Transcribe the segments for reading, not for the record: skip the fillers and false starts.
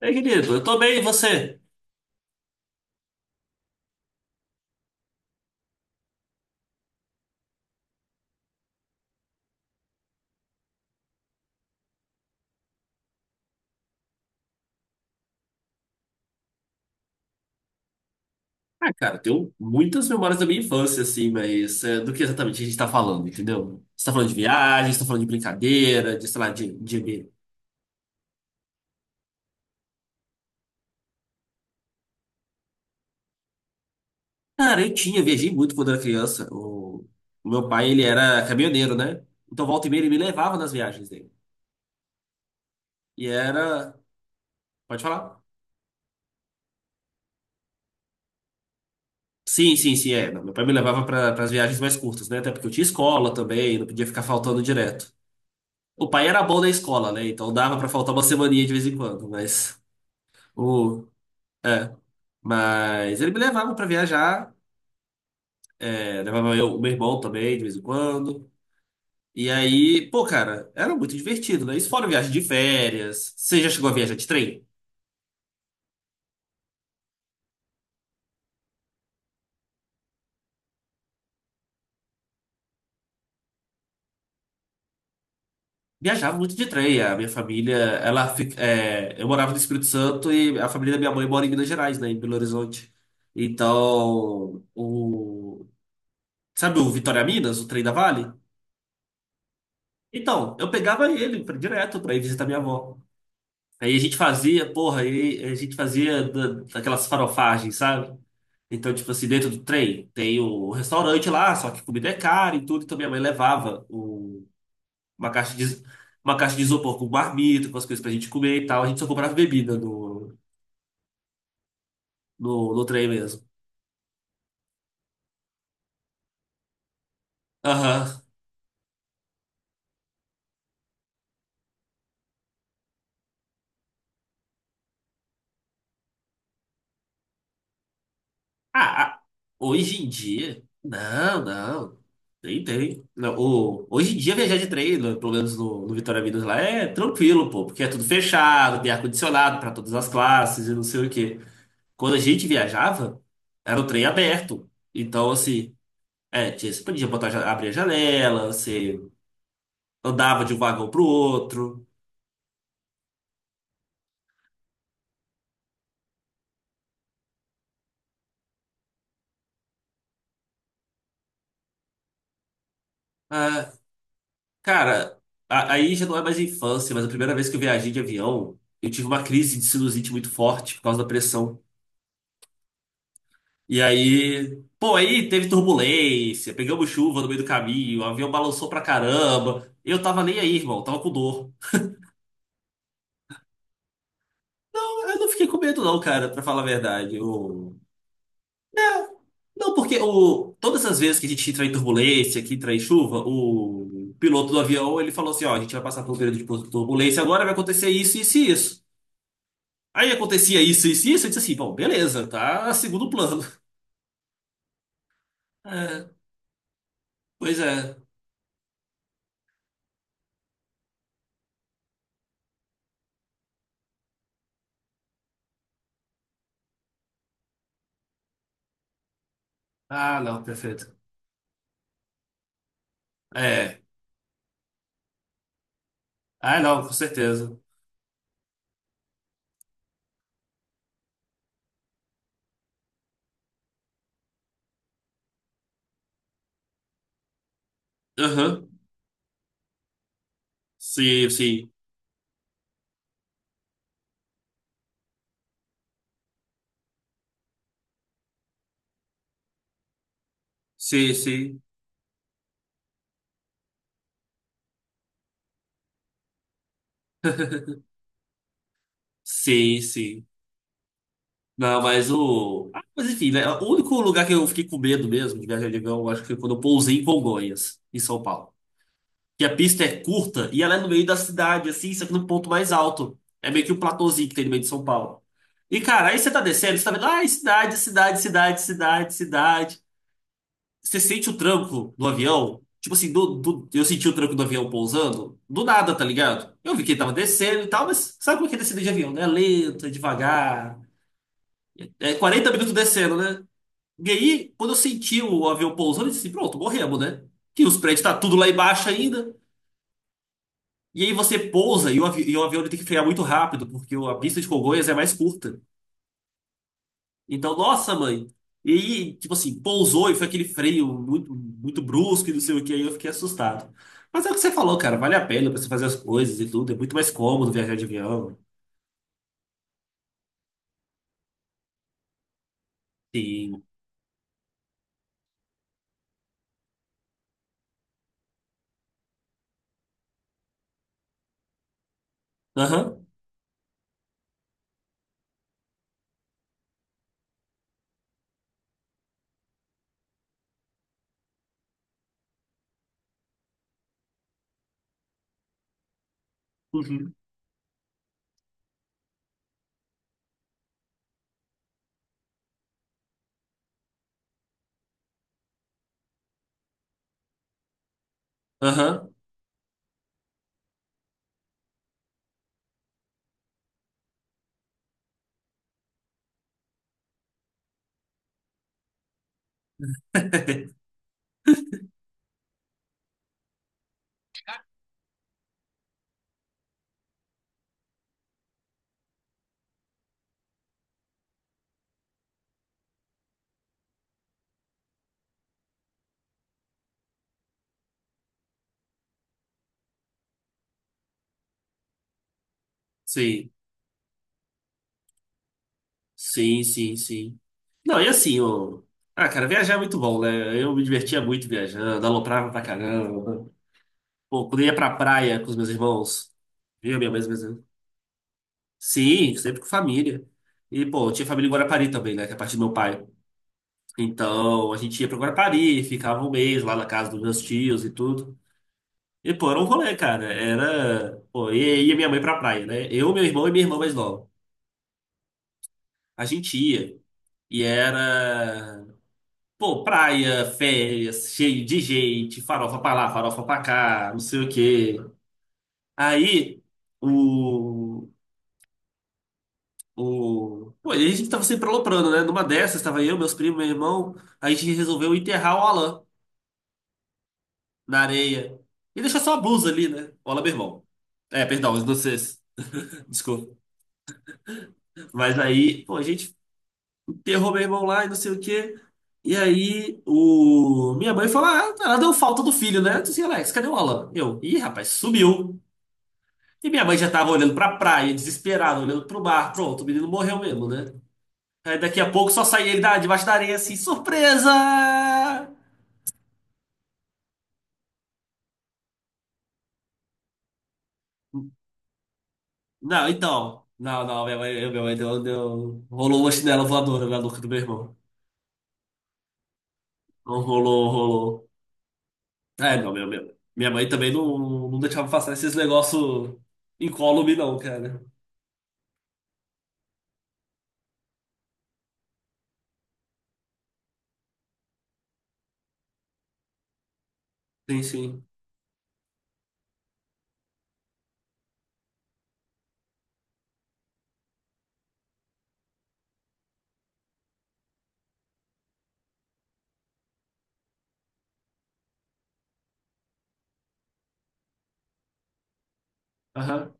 É, querido, eu tô bem, e você? Ah, cara, eu tenho muitas memórias da minha infância, assim, mas é, do que exatamente a gente tá falando, entendeu? Você tá falando de viagem, você tá falando de brincadeira, de, sei lá, Cara, eu tinha, viajei muito quando era criança. O meu pai, ele era caminhoneiro, né? Então, volta e meia, ele me levava nas viagens dele. E era... Pode falar? Sim, sim, sim, é. Não, meu pai me levava para as viagens mais curtas, né? Até porque eu tinha escola também, não podia ficar faltando direto. O pai era bom na escola, né? Então dava para faltar uma semaninha de vez em quando, mas... O, é, mas ele me levava pra viajar, é, levava eu, o meu irmão também, de vez em quando. E aí, pô, cara, era muito divertido, né? Isso fora viagem de férias. Você já chegou a viajar de trem? Viajava muito de trem. A minha família, ela fica, é, eu morava no Espírito Santo e a família da minha mãe mora em Minas Gerais, né? Em Belo Horizonte. Então, o, sabe o Vitória Minas, o trem da Vale? Então, eu pegava ele pra- direto pra ir visitar minha avó. Aí a gente fazia, porra, aí a gente fazia da- daquelas farofagens, sabe? Então, tipo assim, dentro do trem tem o restaurante lá, só que comida é cara e tudo. Então minha mãe levava o- uma caixa de, uma caixa de isopor com marmita, com as coisas pra gente comer e tal. A gente só comprava bebida no trem mesmo. Aham. Ah, ah, hoje em dia. Não, não. Tem, tem. Não, o, hoje em dia, viajar de trem, pelo menos no Vitória Minas lá, é tranquilo, pô, porque é tudo fechado, tem ar-condicionado para todas as classes e não sei o quê. Quando a gente viajava, era o trem aberto. Então, assim, é, tinha- você podia botar, abrir a janela, você andava de um vagão pro outro. Ah, cara, aí já não é mais infância, mas a primeira vez que eu viajei de avião, eu tive uma crise de sinusite muito forte por causa da pressão. E aí, pô, aí teve turbulência, pegamos chuva no meio do caminho, o avião balançou pra caramba. Eu tava nem aí, irmão, tava com dor. Eu não fiquei com medo, não, cara, pra falar a verdade. Eu... Não, porque o... todas as vezes que a gente entra em turbulência, que entra em chuva, o piloto do avião ele falou assim: ó, a gente vai passar por um período de turbulência, agora vai acontecer isso, isso e isso. Aí acontecia isso, isso e isso, eu disse assim: bom, beleza, tá segundo plano. É, pois é. Ah, não, perfeito. É. Ah, não, com certeza. Aham. Sim, sim. Sim, sim. Sim, sim. Não, mas o. Ah, mas enfim, né? O único lugar que eu fiquei com medo mesmo de viajar de avião, eu acho que foi quando eu pousei em Congonhas, em São Paulo. Que a pista é curta e ela é no meio da cidade, assim, só que no ponto mais alto. É meio que um platôzinho que tem no meio de São Paulo. E, cara, aí você tá descendo, você tá vendo, ai, cidade, cidade, cidade, cidade, cidade. Você sente o tranco do avião? Tipo assim, eu senti o tranco do avião pousando. Do nada, tá ligado? Eu vi que ele tava descendo e tal, mas sabe como é que é descida de avião, né? Lento, é devagar. É 40 minutos descendo, né? E aí, quando eu senti o avião pousando, eu disse assim, pronto, morremos, né? Que os prédios tá tudo lá embaixo ainda. E aí você pousa e o, avi- e o avião ele tem que frear muito rápido, porque o- a pista de Congonhas é mais curta. Então, nossa, mãe. E, tipo assim, pousou e foi aquele freio muito, muito brusco e não sei o que, aí eu fiquei assustado. Mas é o que você falou, cara, vale a pena pra você fazer as coisas e tudo, é muito mais cômodo viajar de avião. Sim. Aham. Uhum. Aham. Sim. Sim, sim, sim. Não, e assim, o... Ah, cara, viajar é muito bom, né? Eu me divertia muito viajando, aloprava pra caramba. Pô, quando eu ia pra praia com os meus irmãos, eu, minha mãe, sim, sempre com família. E, pô, eu tinha família em Guarapari também, né? Que é parte do meu pai. Então, a gente ia pra Guarapari, ficava um mês lá na casa dos meus tios e tudo. E, pô, era um rolê, cara. Era. Pô, e ia minha mãe pra praia, né? Eu, meu irmão e minha irmã mais nova. A gente ia. E era. Pô, praia, férias, cheio de gente, farofa pra lá, farofa pra cá, não sei o quê. Aí, o. O... Pô, e a gente tava sempre aloprando, né? Numa dessas, tava eu, meus primos, meu irmão. A gente resolveu enterrar o Alan na areia. E deixar só a blusa ali, né? O Alan, meu irmão. É, perdão, os vocês. Desculpa. Mas aí, pô, a gente enterrou meu irmão lá e não sei o quê. E aí, o... minha mãe falou: Ah, ela deu falta do filho, né? Eu disse, Alex, cadê o Alan? Eu, ih, rapaz, sumiu. E minha mãe já tava olhando pra praia, desesperada, olhando pro mar. Pronto, o menino morreu mesmo, né? Aí daqui a pouco só sai ele da, debaixo da areia assim, surpresa! Não, então. Não, não, minha mãe deu, rolou uma chinela voadora na nuca do meu irmão. Não rolou, rolou. É, não, minha mãe também não, não deixava passar esses negócios incólume, não, cara. Sim, sim. Aham,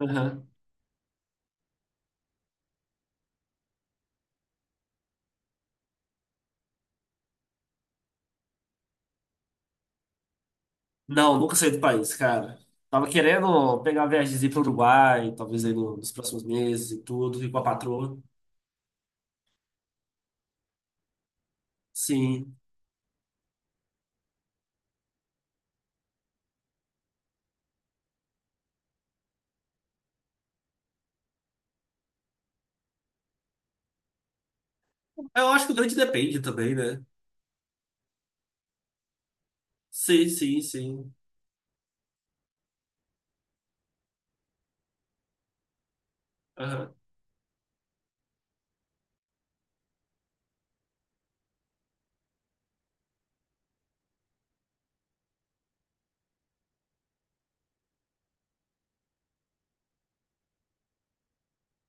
aham. Não, nunca saí do país, cara. Tava querendo pegar uma viagemzinha pro Uruguai, talvez aí no- nos próximos meses e tudo, ir com a patroa. Sim. Eu acho que o grande depende também, né? Sim, sim, sim. Aham,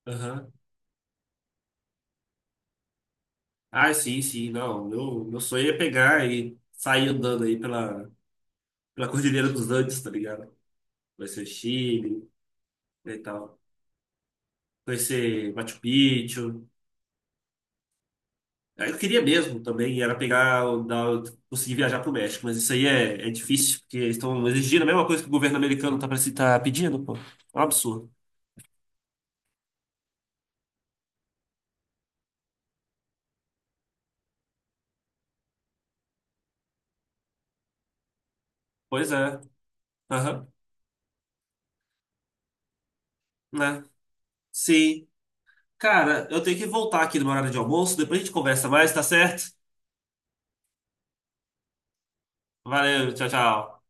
aham. Ah, sim, sim, não. Meu sonho é pegar e sair andando aí pela Cordilheira dos Andes, tá ligado? Conhecer o Chile né, e tal. Conhecer Machu Picchu. Aí eu queria mesmo também, era pegar, o- dar, conseguir viajar pro México, mas isso aí é, difícil, porque eles estão exigindo a mesma coisa que o governo americano tá, tá pedindo, pô. É um absurdo. Pois é. Aham, né? Sim. Cara, eu tenho que voltar aqui no meu horário de almoço, depois a gente conversa mais, tá certo? Valeu, tchau, tchau.